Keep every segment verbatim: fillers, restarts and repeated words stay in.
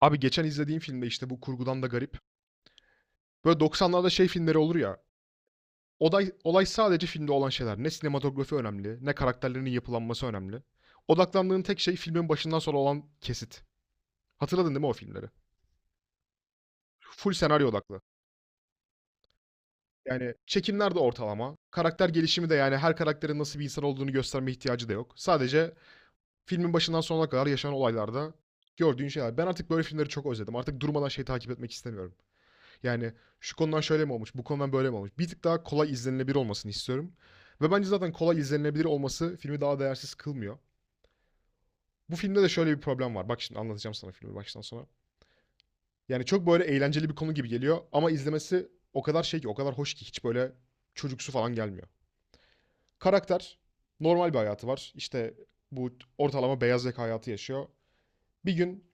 Abi geçen izlediğim filmde işte bu kurgudan da garip. Böyle doksanlarda şey filmleri olur ya. Olay, olay sadece filmde olan şeyler. Ne sinematografi önemli, ne karakterlerinin yapılanması önemli. Odaklandığın tek şey filmin başından sonra olan kesit. Hatırladın değil mi o filmleri? Full senaryo odaklı. Yani çekimler de ortalama. Karakter gelişimi de yani her karakterin nasıl bir insan olduğunu gösterme ihtiyacı da yok. Sadece filmin başından sonuna kadar yaşanan olaylarda gördüğün şeyler. Ben artık böyle filmleri çok özledim. Artık durmadan şey takip etmek istemiyorum. Yani şu konudan şöyle mi olmuş, bu konudan böyle mi olmuş? Bir tık daha kolay izlenilebilir olmasını istiyorum. Ve bence zaten kolay izlenilebilir olması filmi daha değersiz kılmıyor. Bu filmde de şöyle bir problem var. Bak, şimdi anlatacağım sana filmi baştan sona. Yani çok böyle eğlenceli bir konu gibi geliyor ama izlemesi o kadar şey ki, o kadar hoş ki hiç böyle çocuksu falan gelmiyor. Karakter normal bir hayatı var. İşte bu ortalama beyaz yaka hayatı yaşıyor. Bir gün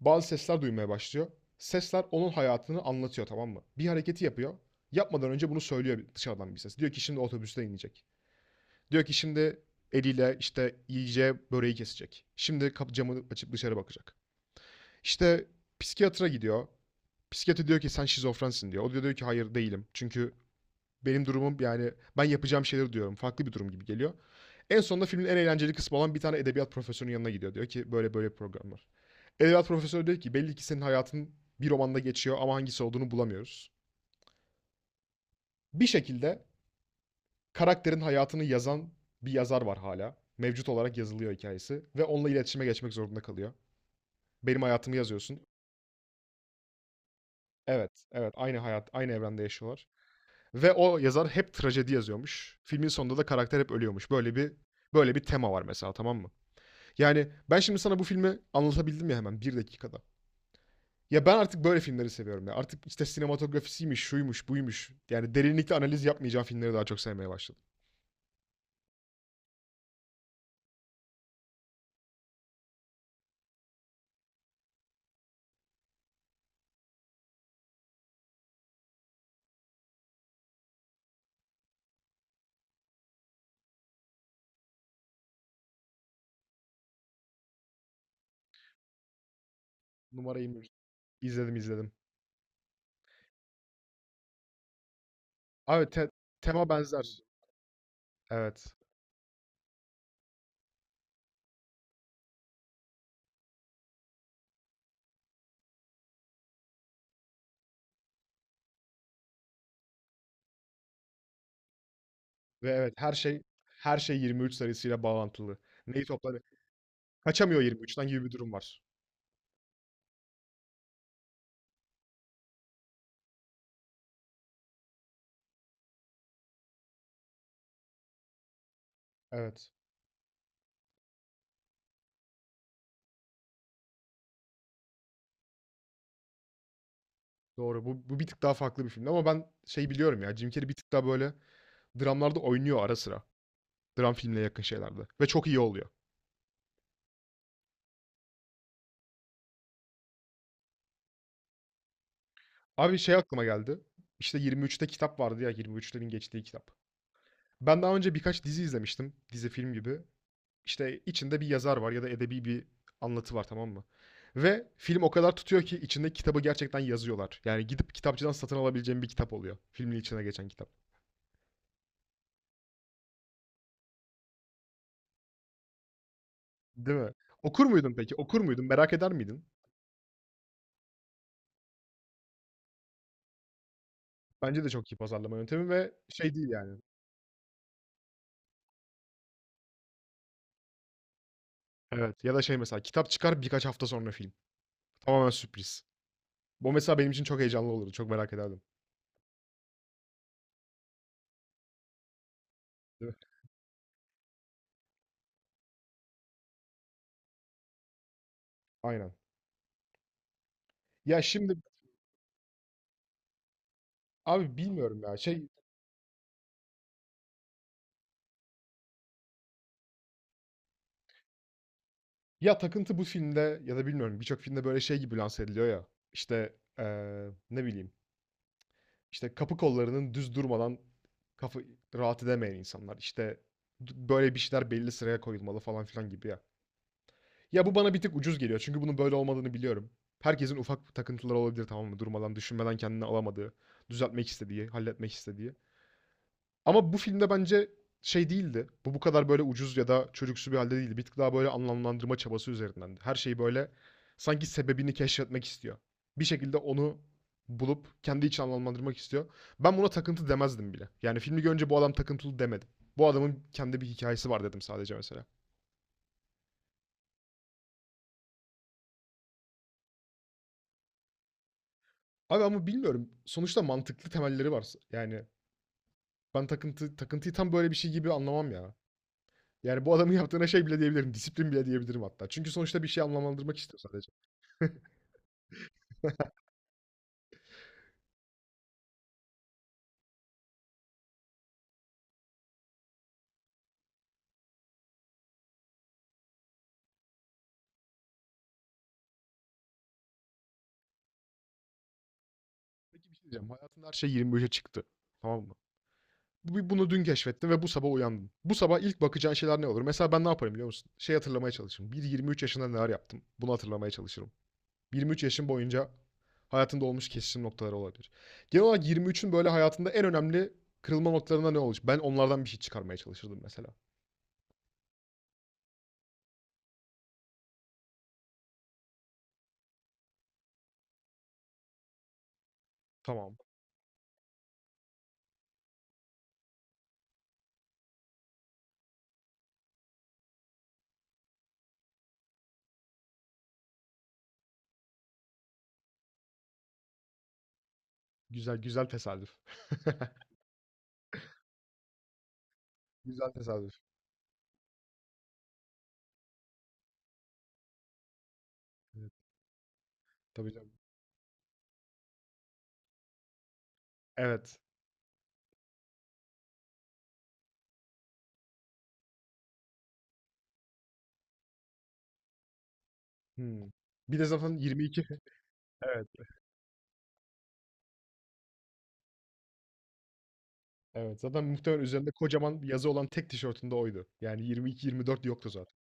bazı sesler duymaya başlıyor. Sesler onun hayatını anlatıyor, tamam mı? Bir hareketi yapıyor. Yapmadan önce bunu söylüyor dışarıdan bir ses. Diyor ki şimdi otobüste inecek. Diyor ki şimdi eliyle işte iyice böreği kesecek. Şimdi kapı camını açıp dışarı bakacak. İşte psikiyatra gidiyor. Psikiyatri diyor ki sen şizofrensin diyor. O diyor diyor ki hayır değilim. Çünkü benim durumum yani ben yapacağım şeyleri diyorum. Farklı bir durum gibi geliyor. En sonunda filmin en eğlenceli kısmı olan bir tane edebiyat profesörünün yanına gidiyor. Diyor ki böyle böyle bir program var. Edebiyat profesörü diyor ki belli ki senin hayatın bir romanda geçiyor ama hangisi olduğunu bulamıyoruz. Bir şekilde karakterin hayatını yazan bir yazar var hala. Mevcut olarak yazılıyor hikayesi ve onunla iletişime geçmek zorunda kalıyor. Benim hayatımı yazıyorsun. Evet, evet, aynı hayat, aynı evrende yaşıyorlar. Ve o yazar hep trajedi yazıyormuş. Filmin sonunda da karakter hep ölüyormuş. Böyle bir böyle bir tema var mesela, tamam mı? Yani ben şimdi sana bu filmi anlatabildim ya hemen bir dakikada. Ya ben artık böyle filmleri seviyorum ya. Artık işte sinematografisiymiş, şuymuş, buymuş. Yani derinlikli analiz yapmayacağım filmleri daha çok sevmeye başladım. Numara yirmi üç. İzledim, izledim. Abi, te- tema benzer. Evet. Ve evet, her şey her şey yirmi üç sayısıyla bağlantılı. Neyi toplanıyor? Kaçamıyor yirmi üçten gibi bir durum var. Evet. Doğru. Bu, bu bir tık daha farklı bir film. Ama ben şey biliyorum ya. Jim Carrey bir tık daha böyle dramlarda oynuyor ara sıra. Dram filmine yakın şeylerde. Ve çok iyi oluyor. Abi, şey aklıma geldi. İşte yirmi üçte kitap vardı ya, yirmi üçlerin geçtiği kitap. Ben daha önce birkaç dizi izlemiştim. Dizi film gibi. İşte içinde bir yazar var ya da edebi bir anlatı var, tamam mı? Ve film o kadar tutuyor ki içindeki kitabı gerçekten yazıyorlar. Yani gidip kitapçıdan satın alabileceğim bir kitap oluyor. Filmin içine geçen kitap. Değil mi? Okur muydun peki? Okur muydun? Merak eder miydin? Bence de çok iyi pazarlama yöntemi ve şey değil yani. Evet. Ya da şey, mesela kitap çıkar birkaç hafta sonra film. Tamamen sürpriz. Bu mesela benim için çok heyecanlı olurdu. Çok merak ederdim. Değil mi? Aynen. Ya şimdi abi bilmiyorum ya şey, ya takıntı bu filmde ya da bilmiyorum birçok filmde böyle şey gibi lanse ediliyor ya, işte eee, ne bileyim, işte kapı kollarının düz durmadan kafa rahat edemeyen insanlar, işte d- böyle bir şeyler belli sıraya koyulmalı falan filan gibi ya. Ya bu bana bir tık ucuz geliyor çünkü bunun böyle olmadığını biliyorum. Herkesin ufak takıntıları olabilir, tamam mı? Durmadan düşünmeden kendini alamadığı, düzeltmek istediği, halletmek istediği. Ama bu filmde bence şey değildi. Bu bu kadar böyle ucuz ya da çocuksu bir halde değildi. Bir tık daha böyle anlamlandırma çabası üzerinden. Her şeyi böyle sanki sebebini keşfetmek istiyor. Bir şekilde onu bulup kendi için anlamlandırmak istiyor. Ben buna takıntı demezdim bile. Yani filmi görünce bu adam takıntılı demedim. Bu adamın kendi bir hikayesi var dedim sadece mesela. Abi ama bilmiyorum. Sonuçta mantıklı temelleri var. Yani ben takıntı takıntıyı tam böyle bir şey gibi anlamam ya. Yani bu adamın yaptığına şey bile diyebilirim. Disiplin bile diyebilirim hatta. Çünkü sonuçta bir şey anlamlandırmak istiyor sadece. Peki bir şey diyeceğim. Hayatında her şey yirmi beşe çıktı. Tamam mı? Bu- Bunu dün keşfettin ve bu sabah uyandın. Bu sabah ilk bakacağın şeyler ne olur? Mesela ben ne yaparım biliyor musun? Şey, hatırlamaya çalışırım. Bir yirmi üç yaşında neler yaptım? Bunu hatırlamaya çalışırım. yirmi üç yaşım boyunca hayatında olmuş kesişim noktaları olabilir. Genel olarak yirmi üçün böyle hayatında en önemli kırılma noktalarında ne olur? Ben onlardan bir şey çıkarmaya çalışırdım mesela. Tamam. Güzel, güzel tesadüf. Güzel tesadüf. Evet, tabii canım. Evet. Hmm. Bir de zaten yirmi iki. Evet. Evet, zaten muhtemelen üzerinde kocaman bir yazı olan tek tişörtünde oydu. Yani yirmi iki yirmi dört yoktu zaten.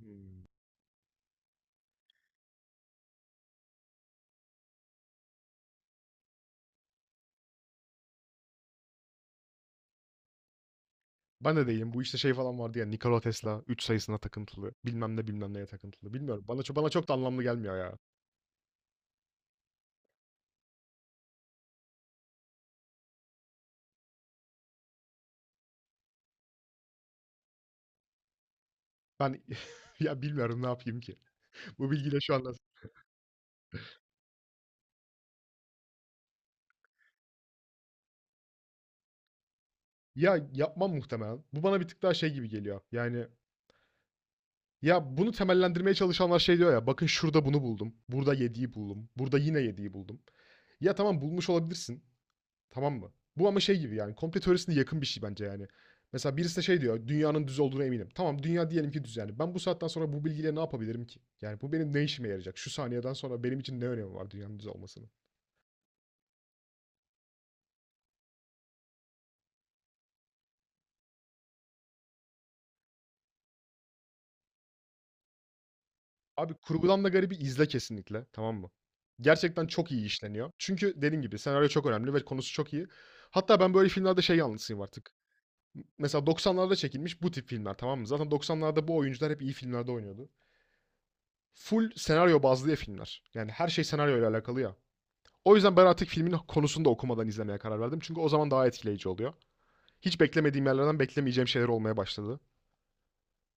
Hmm. Ben de değilim. Bu işte şey falan vardı ya, Nikola Tesla üç sayısına takıntılı. Bilmem ne bilmem neye takıntılı. Bilmiyorum. Bana, ço- bana çok da anlamlı gelmiyor ya. Ben ya bilmiyorum ne yapayım ki. Bu bilgiyle şu anda. Ya yapmam muhtemelen. Bu bana bir tık daha şey gibi geliyor. Yani ya bunu temellendirmeye çalışanlar şey diyor ya. Bakın şurada bunu buldum. Burada yediği buldum. Burada yine yediği buldum. Ya tamam, bulmuş olabilirsin. Tamam mı? Bu ama şey gibi, yani komplo teorisine yakın bir şey bence yani. Mesela birisi de şey diyor, dünyanın düz olduğuna eminim. Tamam, dünya diyelim ki düz yani. Ben bu saatten sonra bu bilgiyle ne yapabilirim ki? Yani bu benim ne işime yarayacak? Şu saniyeden sonra benim için ne önemi var dünyanın düz olmasının? Abi, kurgudan da garibi izle kesinlikle, tamam mı? Gerçekten çok iyi işleniyor. Çünkü dediğim gibi senaryo çok önemli ve konusu çok iyi. Hatta ben böyle filmlerde şey yanlısıyım artık. Mesela doksanlarda çekilmiş bu tip filmler, tamam mı? Zaten doksanlarda bu oyuncular hep iyi filmlerde oynuyordu. Full senaryo bazlı ya filmler. Yani her şey senaryo ile alakalı ya. O yüzden ben artık filmin konusunu da okumadan izlemeye karar verdim. Çünkü o zaman daha etkileyici oluyor. Hiç beklemediğim yerlerden beklemeyeceğim şeyler olmaya başladı.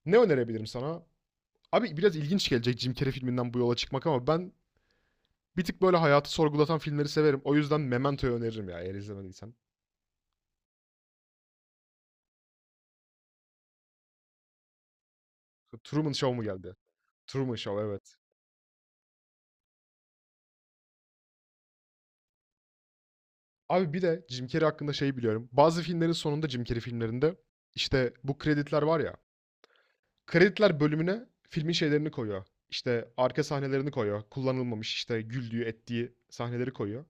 Ne önerebilirim sana? Abi, biraz ilginç gelecek Jim Carrey filminden bu yola çıkmak ama ben bir tık böyle hayatı sorgulatan filmleri severim. O yüzden Memento'yu öneririm ya, eğer izlemediysen. Truman Show mu geldi? Truman Show, evet. Abi bir de Jim Carrey hakkında şeyi biliyorum. Bazı filmlerin sonunda Jim Carrey filmlerinde işte bu kreditler var ya. Krediler bölümüne filmin şeylerini koyuyor. İşte arka sahnelerini koyuyor. Kullanılmamış işte güldüğü, ettiği sahneleri koyuyor.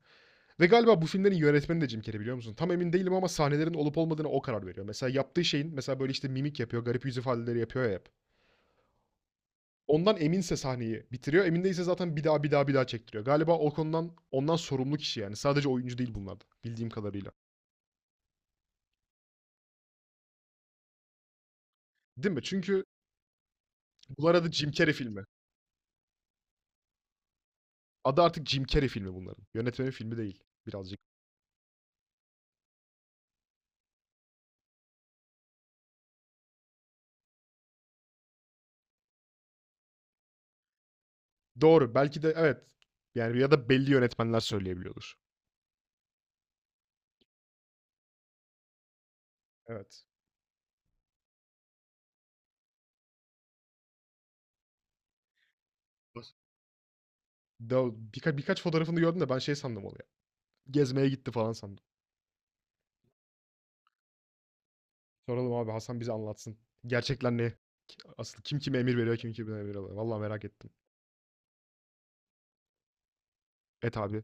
Ve galiba bu filmlerin yönetmeni de Jim Carrey, biliyor musun? Tam emin değilim ama sahnelerin olup olmadığına o karar veriyor. Mesela yaptığı şeyin mesela böyle işte mimik yapıyor, garip yüz ifadeleri yapıyor ya hep. Ondan eminse sahneyi bitiriyor. Emin değilse zaten bir daha bir daha bir daha çektiriyor. Galiba o konudan ondan sorumlu kişi yani. Sadece oyuncu değil bunlar da bildiğim kadarıyla. Değil mi? Çünkü bunlar adı Jim Carrey filmi. Adı artık Jim Carrey filmi bunların. Yönetmenin filmi değil birazcık. Doğru. Belki de evet. Yani ya da belli yönetmenler söyleyebiliyordur. Evet. Nasıl? Da birka- birkaç fotoğrafını gördüm de ben şey sandım onu ya. Gezmeye gitti falan sandım. Soralım abi, Hasan bize anlatsın. Gerçekler ne? Asıl kim kime emir veriyor, kim kime emir alıyor. Vallahi merak ettim. Et abi.